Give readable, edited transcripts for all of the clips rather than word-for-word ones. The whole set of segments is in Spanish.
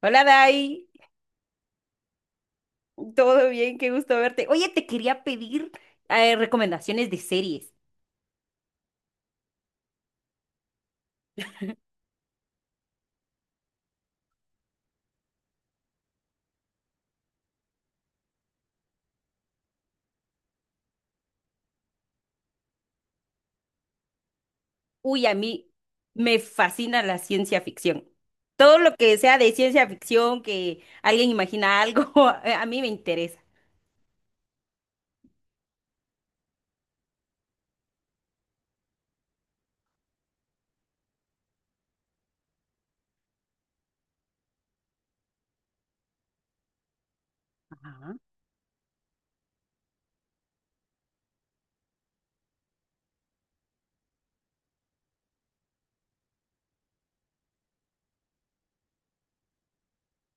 Hola Dai, todo bien, qué gusto verte. Oye, te quería pedir recomendaciones de series. Uy, a mí me fascina la ciencia ficción. Todo lo que sea de ciencia ficción, que alguien imagina algo, a mí me interesa. Ajá,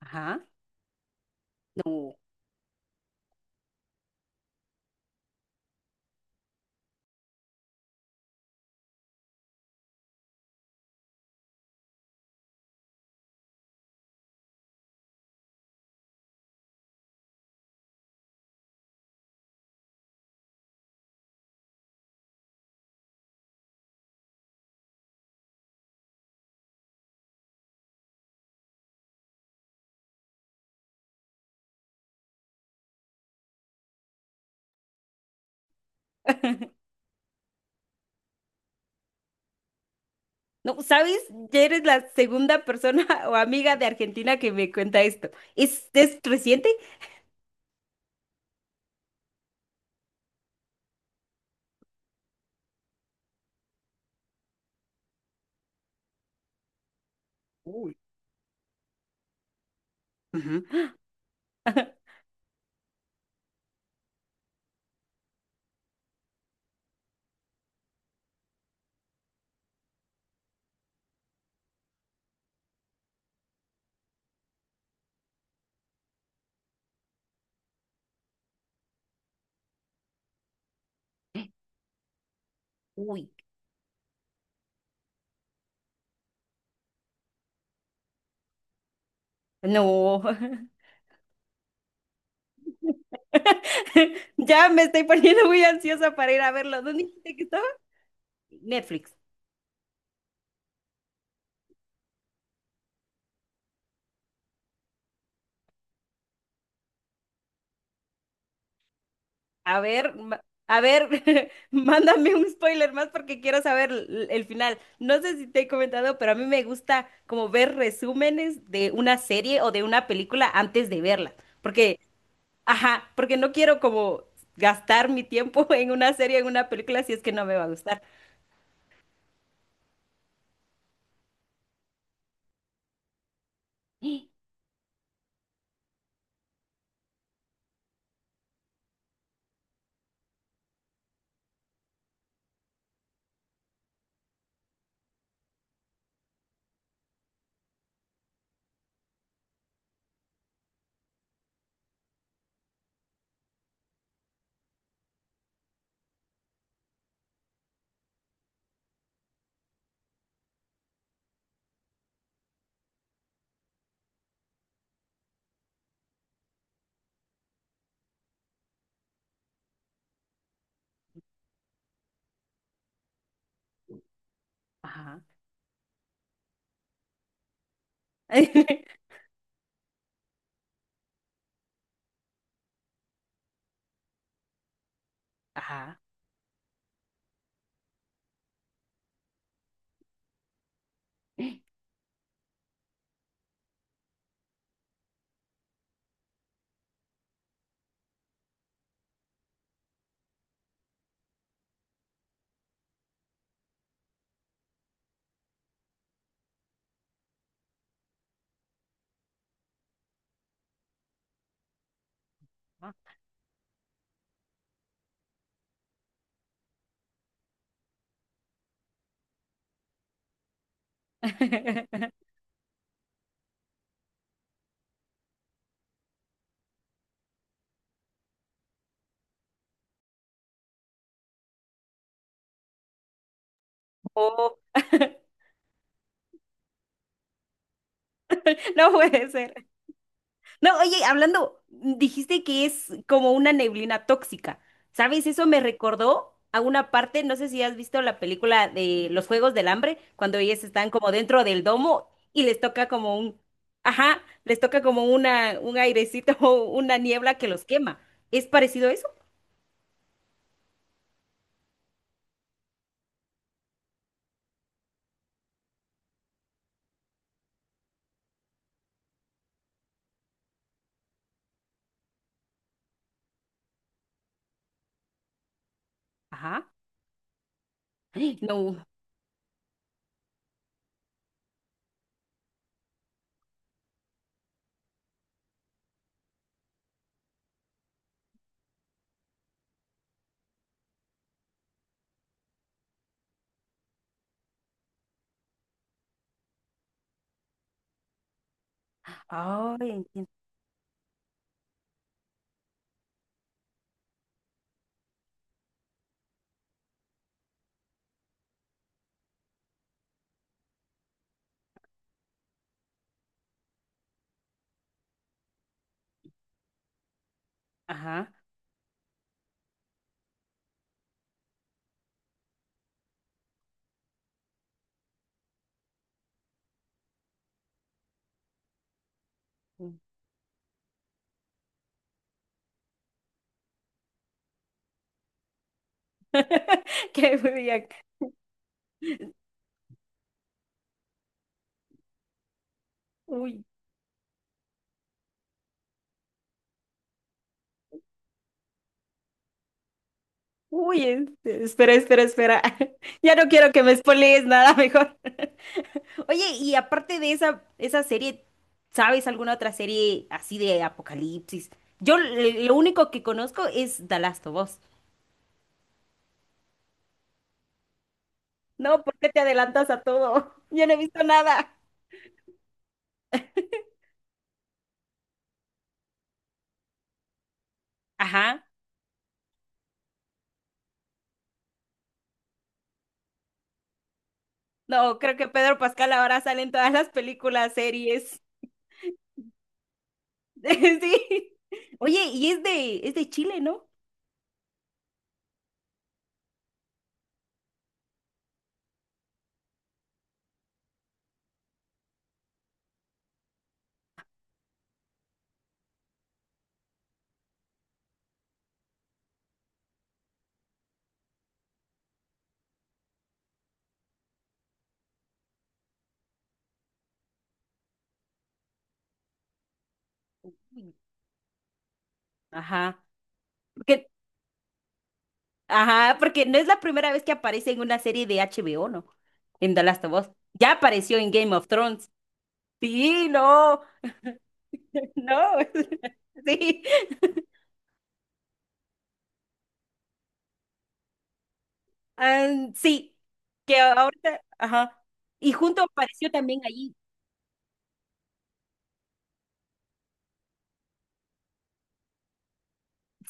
ajá. No. No, ¿sabes? Ya eres la segunda persona o amiga de Argentina que me cuenta esto. Es reciente? Uy. Ujú. Uy. No. Ya me estoy poniendo muy ansiosa para ir a verlo. ¿Dónde dijiste que estaba? Netflix. A ver, a ver, mándame un spoiler más porque quiero saber el final. No sé si te he comentado, pero a mí me gusta como ver resúmenes de una serie o de una película antes de verla. Porque ajá, porque no quiero como gastar mi tiempo en una serie, en una película, si es que no me va a gustar. Ajá. Ajá. Ah. Oh, no puede ser. No, oye, hablando, dijiste que es como una neblina tóxica. ¿Sabes? Eso me recordó a una parte, no sé si has visto la película de Los Juegos del Hambre, cuando ellas están como dentro del domo y les toca como un, ajá, les toca como una, un airecito, una niebla que los quema. ¿Es parecido a eso? Ajá. ¡Ay! No. Ay, entiendo. Ajá. Mm. Qué muy bien. Uy, uy, este, espera, espera, espera. Ya no quiero que me spoilees nada mejor. Oye, y aparte de esa, esa serie, ¿sabes alguna otra serie así de apocalipsis? Yo lo único que conozco es The Last of Us. No, ¿por qué te adelantas a todo? Yo no he visto nada. Ajá. No, creo que Pedro Pascal ahora sale en todas las películas, series. Sí. Oye, y es de Chile, ¿no? Ajá. Porque, ajá, porque no es la primera vez que aparece en una serie de HBO, ¿no? En The Last of Us. Ya apareció en Game of Thrones. Sí, no, no. Sí. Am, sí. Que ahorita, ajá. Y junto apareció también allí.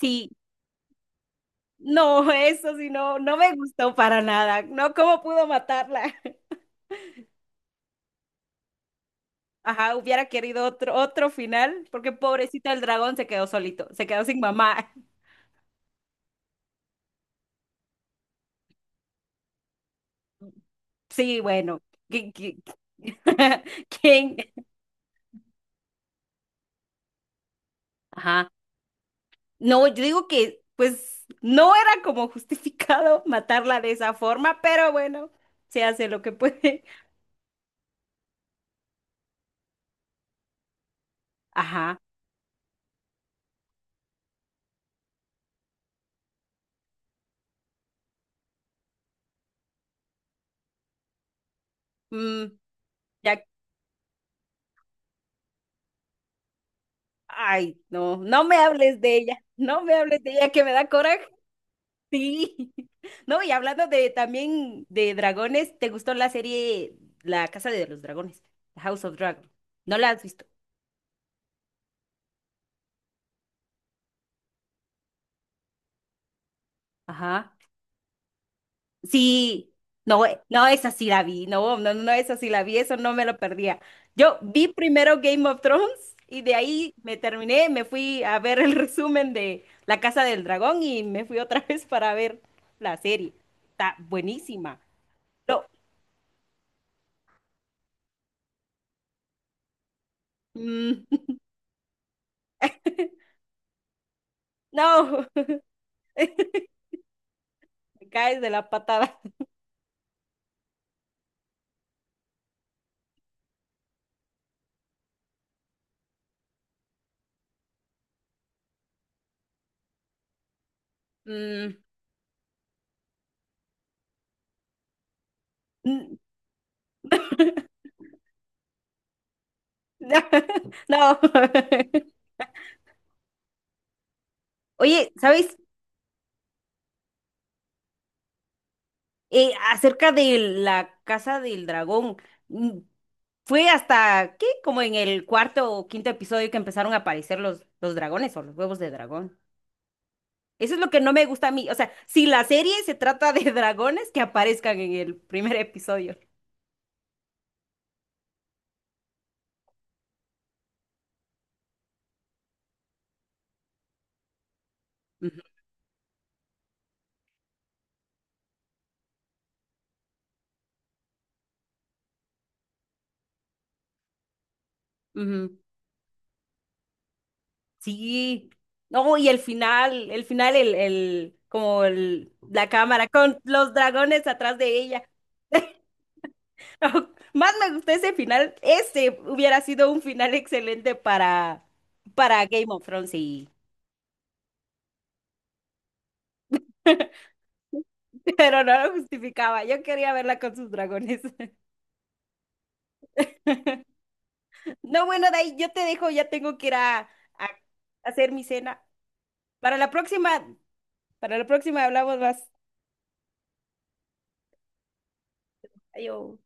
Sí. No, eso sí, no, no me gustó para nada. No, ¿cómo pudo matarla? Ajá, hubiera querido otro, otro final, porque pobrecita el dragón se quedó solito, se quedó sin mamá. Sí, bueno. ¿qui- qui- ¿Quién? Ajá. No, yo digo que, pues, no era como justificado matarla de esa forma, pero bueno, se hace lo que puede. Ajá. Mm, ya, ay, no, no me hables de ella, no me hables de ella que me da coraje. Sí. No, y hablando de también de dragones, ¿te gustó la serie La Casa de los Dragones? The House of Dragon. ¿No la has visto? Ajá. Sí. No, no, esa sí la vi. No, no, no, esa sí la vi. Eso no me lo perdía. Yo vi primero Game of Thrones y de ahí me terminé, me fui a ver el resumen de La Casa del Dragón y me fui otra vez para ver la serie. Está buenísima. No, mm, no, me caes de la patada. Mm, mm, no. Oye, ¿sabes? Acerca de la casa del dragón, mm, fue hasta, ¿qué? Como en el cuarto o quinto episodio que empezaron a aparecer los dragones o los huevos de dragón. Eso es lo que no me gusta a mí. O sea, si la serie se trata de dragones, que aparezcan en el primer episodio. Ujú, ujú. Sí. No, y el final, el final, el, como el, la cámara con los dragones atrás de ella. Más me gustó ese final. Ese hubiera sido un final excelente para Game of Thrones, sí. Pero no lo justificaba. Yo quería verla con sus dragones. No, bueno, de yo te dejo, ya tengo que ir a hacer mi cena. Para la próxima, para la próxima hablamos más. Adiós.